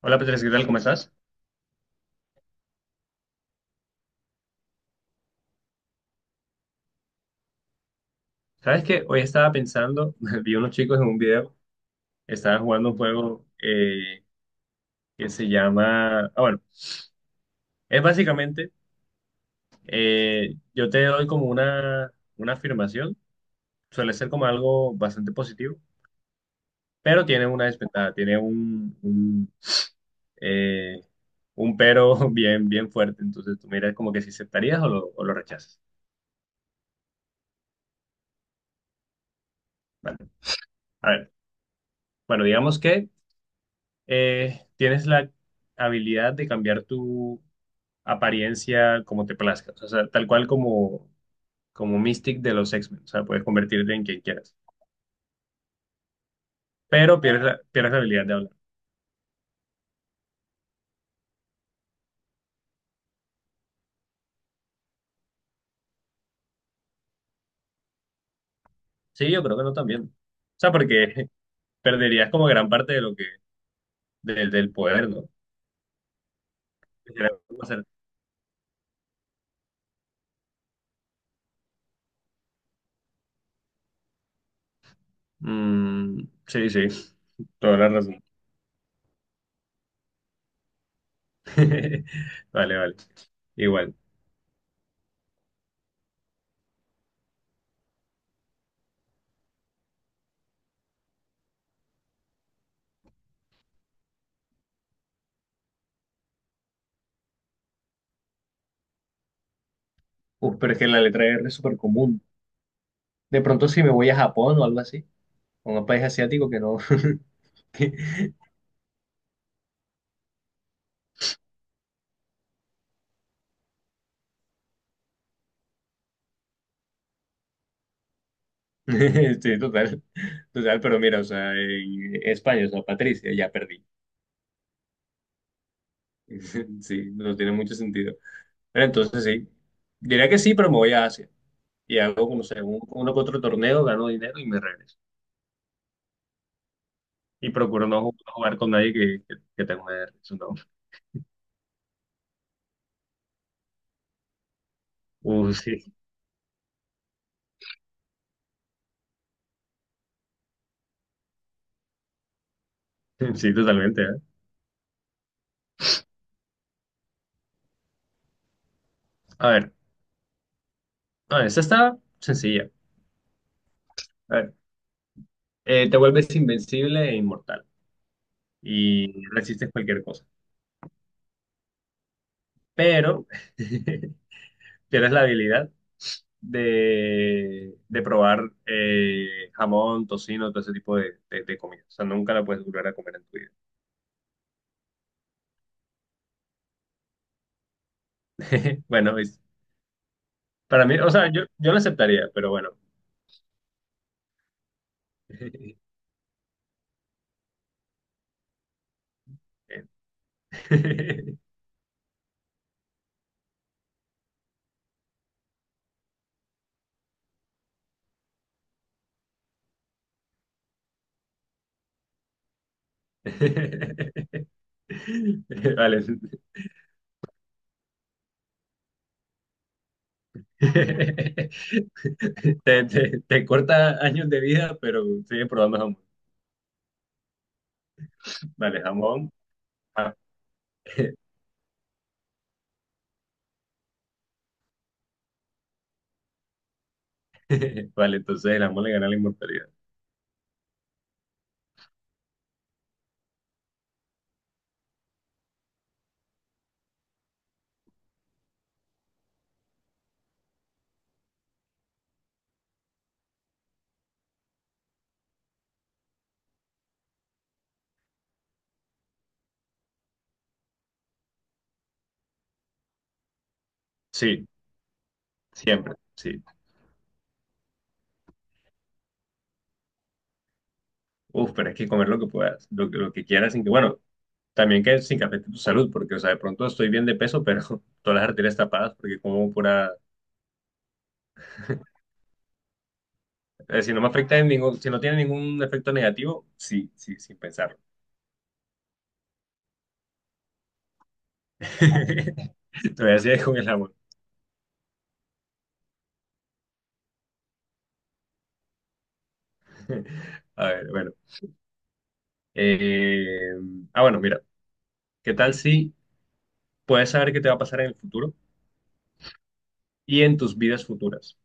Hola Petres, ¿qué tal? ¿Cómo estás? Sabes que hoy estaba pensando, vi unos chicos en un video, estaban jugando un juego, que se llama, bueno, es básicamente, yo te doy como una afirmación, suele ser como algo bastante positivo, pero tiene una desventaja, tiene eh, un pero bien fuerte, entonces tú miras como que si aceptarías o o lo rechazas. A ver, bueno, digamos que tienes la habilidad de cambiar tu apariencia como te plazca. O sea, como Mystic de los X-Men. O sea, puedes convertirte en quien quieras. Pero pierdes la habilidad de hablar. Sí, yo creo que no también. O sea, porque perderías como gran parte de del poder, ¿no? Quisiera hacer- Mm, sí, toda la razón. Vale. Igual. Uf, pero es que la letra R es súper común. De pronto si me voy a Japón o algo así, o a un país asiático que no, Sí, total, pero mira, o sea, en España, o sea, Patricia, ya perdí. Sí, no tiene mucho sentido. Pero entonces sí, diría que sí, pero me voy a Asia y hago, no sé, uno que otro torneo, gano dinero y me regreso. Y procuro no jugar con nadie que tenga una hernia, no. Sí, sí, totalmente, ¿eh? A ver, a ver, esta está sencilla. A ver, te vuelves invencible e inmortal y resistes cualquier cosa, pero tienes la habilidad de probar jamón, tocino, todo ese tipo de comida. O sea, nunca la puedes volver a comer en tu vida. Bueno, para mí, o sea, yo la aceptaría, pero bueno. Vale. Te, te corta años de vida, pero sigue probando jamón. Vale, jamón. Ah, Vale, entonces el jamón le gana la inmortalidad. Sí, siempre, sí. Uf, pero es que comer lo que puedas, lo que quieras, sin que, bueno, también que sin que afecte tu salud, porque, o sea, de pronto estoy bien de peso, pero todas las arterias tapadas, porque como pura, si no me afecta en ningún, si no tiene ningún efecto negativo, sí, sin pensarlo. Todavía sigue con el amor. A ver, bueno. Eh, bueno, mira, ¿qué tal si puedes saber qué te va a pasar en el futuro y en tus vidas futuras?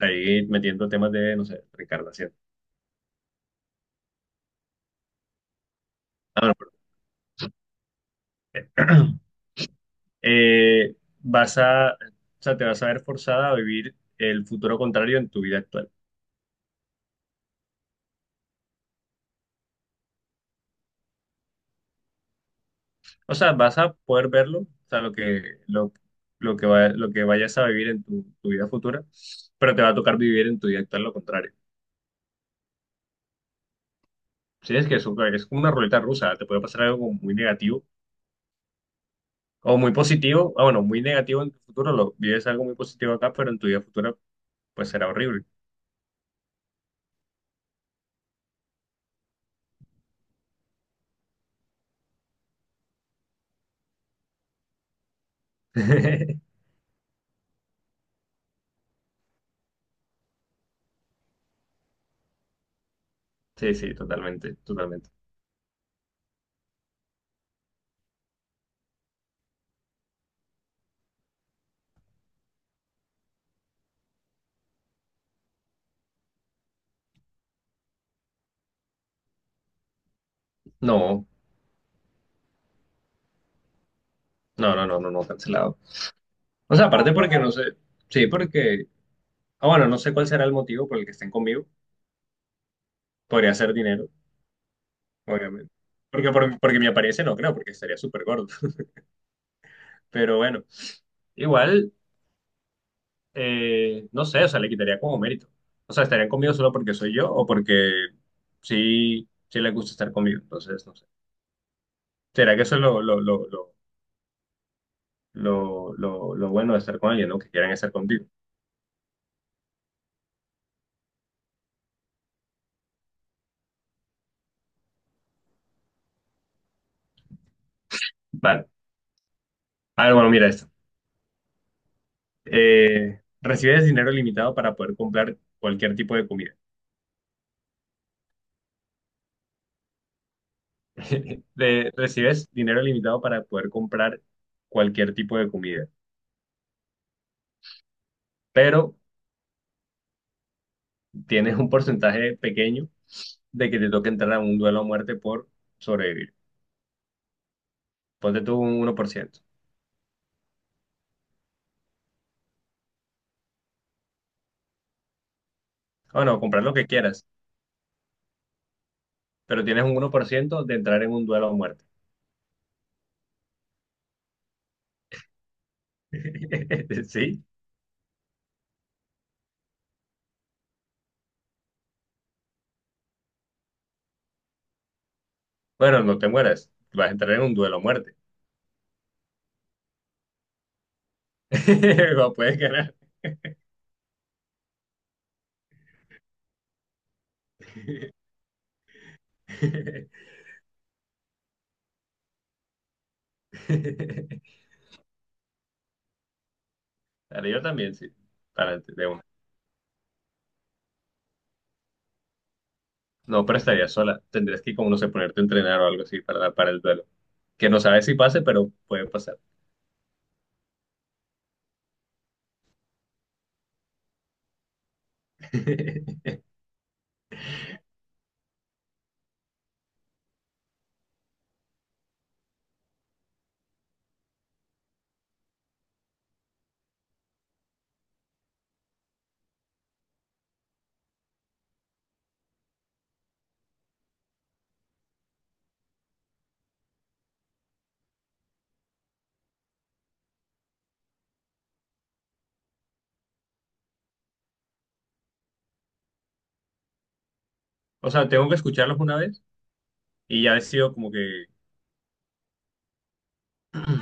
Ahí metiendo temas de, no sé, reencarnación. Ah, bueno, vas a, o sea, te vas a ver forzada a vivir el futuro contrario en tu vida actual. O sea, vas a poder verlo, o sea, lo, lo que vayas a vivir en tu vida futura, pero te va a tocar vivir en tu vida actual lo contrario. Sí, es que es como una ruleta rusa, te puede pasar algo como muy negativo o muy positivo, ah, bueno, muy negativo en tu futuro, lo vives algo muy positivo acá, pero en tu vida futura pues será horrible. Sí, sí, totalmente, totalmente. No, no, no, no, no, no, cancelado. O sea, aparte porque no sé, sí, porque, ah, bueno, no sé cuál será el motivo por el que estén conmigo. Podría ser dinero, obviamente. Porque mi apariencia no creo, porque estaría súper gordo. Pero bueno, igual, no sé, o sea, le quitaría como mérito. O sea, estarían conmigo solo porque soy yo o porque sí, sí les gusta estar conmigo. Entonces, no sé. ¿Será que eso es lo bueno de estar con alguien, ¿no? Que quieran estar contigo. Vale. A ver, bueno, mira esto. Recibes dinero limitado para poder comprar cualquier tipo de comida recibes dinero limitado para poder comprar cualquier tipo de comida, pero tienes un porcentaje pequeño de que te toque entrar a un duelo a muerte por sobrevivir. Ponte tú un 1%. O no, comprar lo que quieras, pero tienes un uno por ciento de entrar en un duelo a muerte. Sí. Bueno, no te mueras. Vas a entrar en un duelo a muerte. O puedes ganar. Dale, yo también, sí. Para, de una. No, pero estaría sola. Tendrías como no sé, ponerte a entrenar o algo así para el duelo. Que no sabes si pase, pero puede pasar. O sea, tengo que escucharlos una vez y ya decido como que, o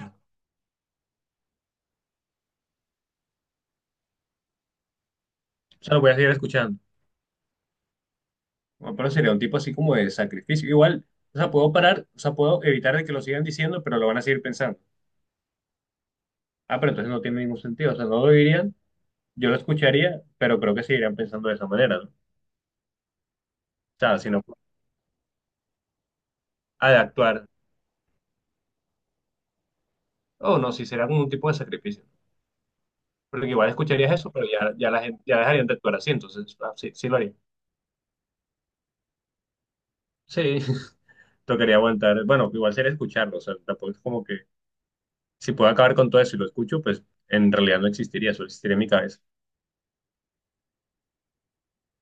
sea, lo voy a seguir escuchando. Bueno, pero sería un tipo así como de sacrificio. Igual, o sea, puedo parar, o sea, puedo evitar de que lo sigan diciendo, pero lo van a seguir pensando. Ah, pero entonces no tiene ningún sentido. O sea, no lo dirían, yo lo escucharía, pero creo que seguirían pensando de esa manera, ¿no? O sea, si no, ha de actuar. Oh, no, sí, será como un tipo de sacrificio. Porque igual escucharías eso, pero ya la gente, ya dejarían de actuar así, entonces ah, sí, sí lo haría. Sí, Tocaría aguantar, bueno, igual sería escucharlo, o sea, tampoco es como que si puedo acabar con todo eso y lo escucho, pues en realidad no existiría, solo existiría en mi cabeza.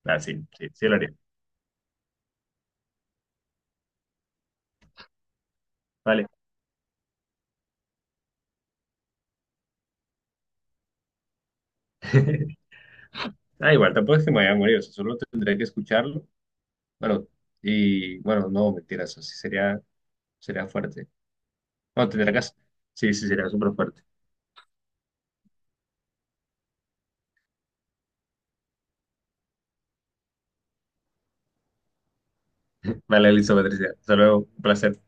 Ah, sí, sí lo haría. Vale. Ah, igual tampoco es que me vaya a morir, o sea, solo tendría que escucharlo. Bueno, y bueno, no, mentiras, así sería, sería fuerte. No, tendría que, sí, sí, sería súper fuerte. Vale, Elizabeth, Patricia, hasta luego, un placer.